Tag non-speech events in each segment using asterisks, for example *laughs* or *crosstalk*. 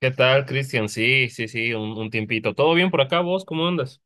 ¿Qué tal, Cristian? Sí, sí, sí, un tiempito. ¿Todo bien por acá, vos? ¿Cómo andas?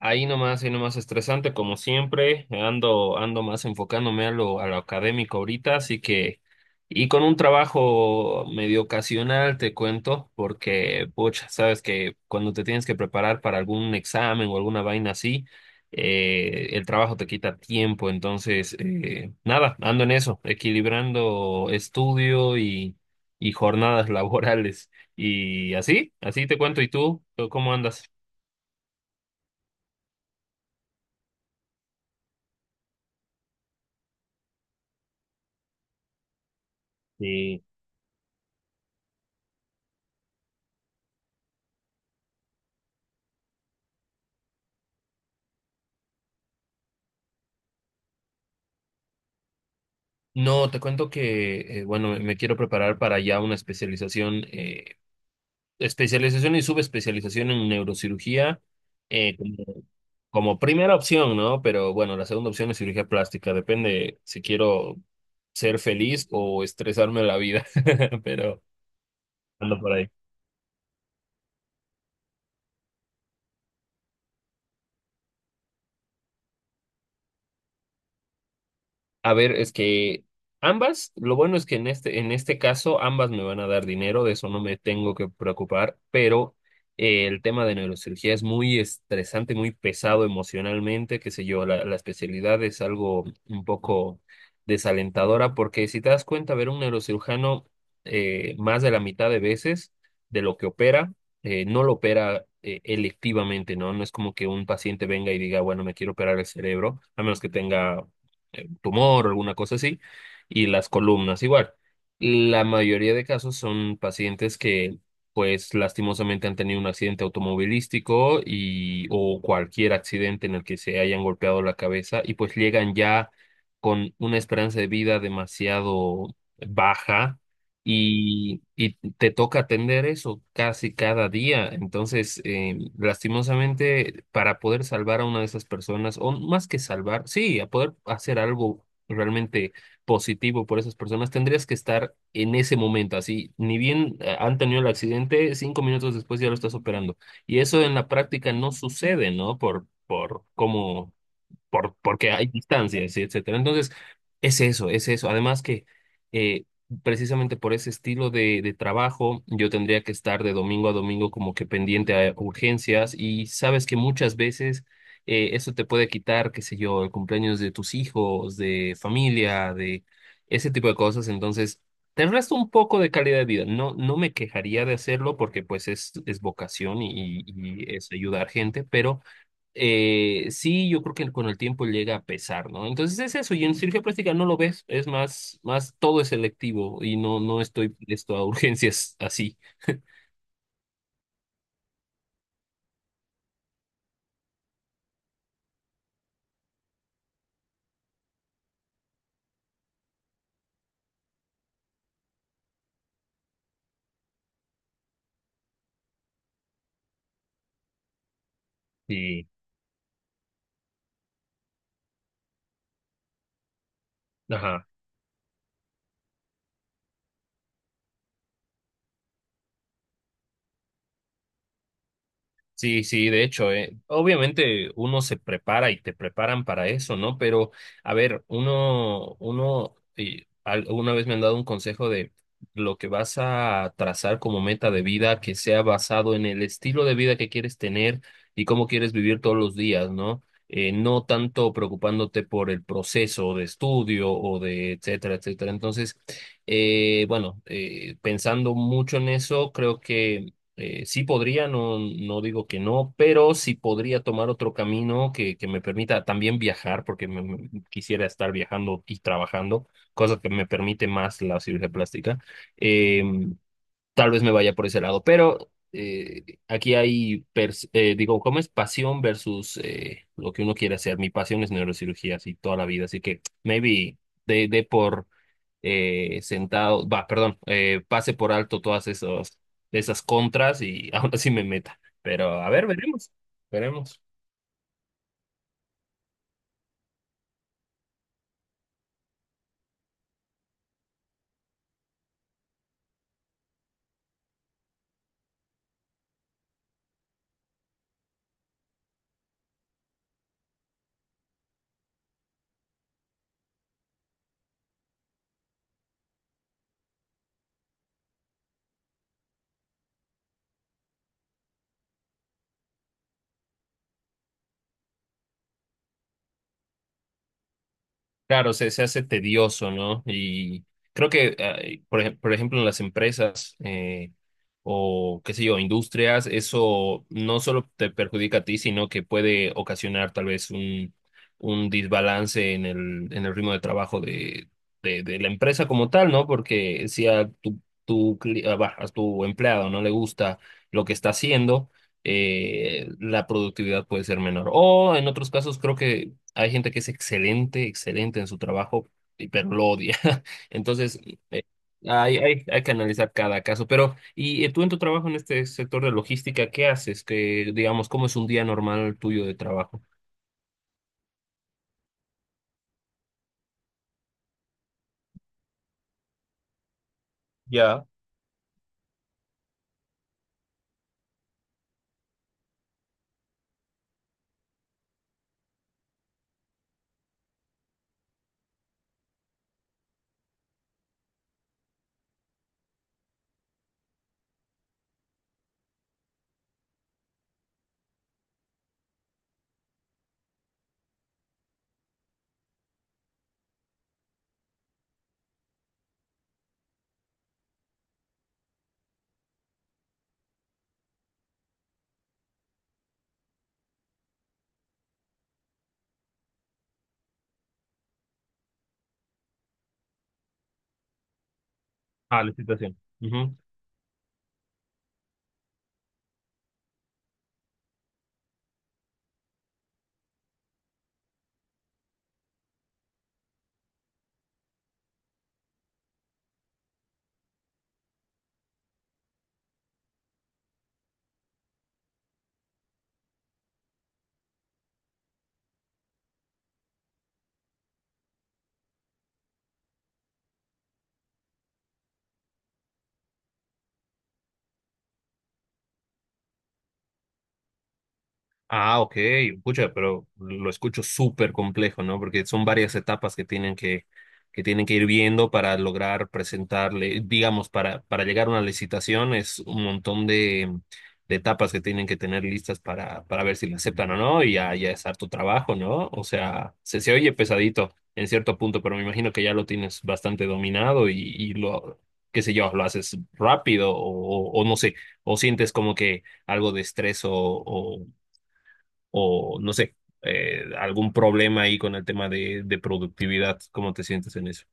Ahí nomás estresante, como siempre, ando más enfocándome a lo académico ahorita, así que, y con un trabajo medio ocasional, te cuento, porque, pucha, sabes que cuando te tienes que preparar para algún examen o alguna vaina así, el trabajo te quita tiempo, entonces, nada, ando en eso, equilibrando estudio y jornadas *laughs* laborales, y así, así te cuento. ¿Y tú? ¿Cómo andas? Sí. No, te cuento que, bueno, me quiero preparar para ya una especialización, especialización y subespecialización en neurocirugía, eh, como, como primera opción, ¿no? Pero bueno, la segunda opción es cirugía plástica, depende si quiero ser feliz o estresarme la vida, *laughs* pero ando por ahí. A ver, es que ambas, lo bueno es que en este caso ambas me van a dar dinero, de eso no me tengo que preocupar, pero el tema de neurocirugía es muy estresante, muy pesado emocionalmente, qué sé yo, la especialidad es algo un poco desalentadora, porque si te das cuenta, ver un neurocirujano más de la mitad de veces de lo que opera, no lo opera electivamente, ¿no? No es como que un paciente venga y diga, bueno, me quiero operar el cerebro, a menos que tenga tumor o alguna cosa así, y las columnas igual. La mayoría de casos son pacientes que, pues, lastimosamente han tenido un accidente automovilístico y, o cualquier accidente en el que se hayan golpeado la cabeza y pues llegan ya con una esperanza de vida demasiado baja y te toca atender eso casi cada día. Entonces, lastimosamente, para poder salvar a una de esas personas, o más que salvar, sí, a poder hacer algo realmente positivo por esas personas, tendrías que estar en ese momento, así, ni bien han tenido el accidente, cinco minutos después ya lo estás operando. Y eso en la práctica no sucede, ¿no? Por cómo porque hay distancias, y etcétera. Entonces, es eso, es eso. Además que eh, precisamente por ese estilo de trabajo, yo tendría que estar de domingo a domingo como que pendiente a urgencias y sabes que muchas veces eso te puede quitar, qué sé yo, el cumpleaños de tus hijos, de familia, de ese tipo de cosas. Entonces, te resta un poco de calidad de vida. No, no me quejaría de hacerlo porque pues es vocación y, y es ayudar gente, pero sí, yo creo que con el tiempo llega a pesar, ¿no? Entonces es eso, y en cirugía plástica no lo ves, es más, más todo es selectivo y no, no estoy listo a *laughs* urgencias así. Y, ajá. Sí, sí, de hecho, obviamente uno se prepara y te preparan para eso, ¿no? Pero, a ver, una vez me han dado un consejo de lo que vas a trazar como meta de vida, que sea basado en el estilo de vida que quieres tener y cómo quieres vivir todos los días, ¿no? No tanto preocupándote por el proceso de estudio o de etcétera, etcétera. Entonces, bueno, pensando mucho en eso, creo que sí podría, no, no digo que no, pero sí podría tomar otro camino que me permita también viajar, porque quisiera estar viajando y trabajando, cosa que me permite más la cirugía plástica. Eh, tal vez me vaya por ese lado, pero digo, ¿cómo es pasión versus lo que uno quiere hacer? Mi pasión es neurocirugía, así toda la vida, así que maybe de por sentado, va, perdón, pase por alto todas esos, esas contras y *laughs* aún así me meta. Pero a ver, veremos, veremos. Claro, se hace tedioso, ¿no? Y creo que, por ejemplo, en las empresas o, qué sé yo, industrias, eso no solo te perjudica a ti, sino que puede ocasionar tal vez un desbalance en el ritmo de trabajo de la empresa como tal, ¿no? Porque si a tu, tu, cli- a va, a tu empleado no le gusta lo que está haciendo, la productividad puede ser menor. O en otros casos creo que hay gente que es excelente, excelente en su trabajo, pero lo odia. *laughs* Entonces, eh, hay que analizar cada caso. Pero, ¿y tú en tu trabajo en este sector de logística, qué haces? Que, digamos, ¿cómo es un día normal tuyo de trabajo? Ya. Ah, la situación. Ah, ok, pucha, pero lo escucho súper complejo, ¿no? Porque son varias etapas que tienen que ir viendo para lograr presentarle, digamos, para llegar a una licitación es un montón de etapas que tienen que tener listas para ver si la aceptan o no, y ya, ya es harto trabajo, ¿no? O sea, se oye pesadito en cierto punto, pero me imagino que ya lo tienes bastante dominado y lo, qué sé yo, lo haces rápido o, o no sé, o sientes como que algo de estrés o no sé, algún problema ahí con el tema de productividad. ¿Cómo te sientes en eso?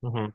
Ujú.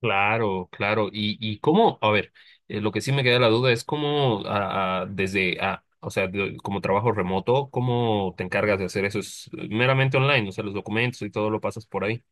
Claro, claro. Y cómo, a ver, lo que sí me queda la duda es cómo, ah, ah, desde, ah, o sea, como trabajo remoto, ¿cómo te encargas de hacer eso? ¿Es meramente online? O sea, los documentos y todo lo pasas por ahí.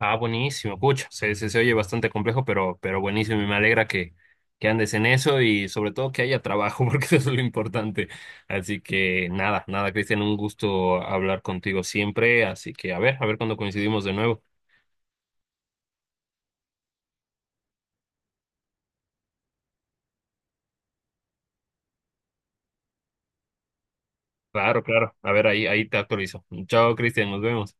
Ah, buenísimo, pucha, se, se oye bastante complejo, pero buenísimo y me alegra que andes en eso y sobre todo que haya trabajo, *laughs* porque eso es lo importante. Así que nada, nada, Cristian, un gusto hablar contigo siempre, así que a ver cuando coincidimos de nuevo. Claro, claro, a ver, ahí, ahí te actualizo. Chao, Cristian, nos vemos.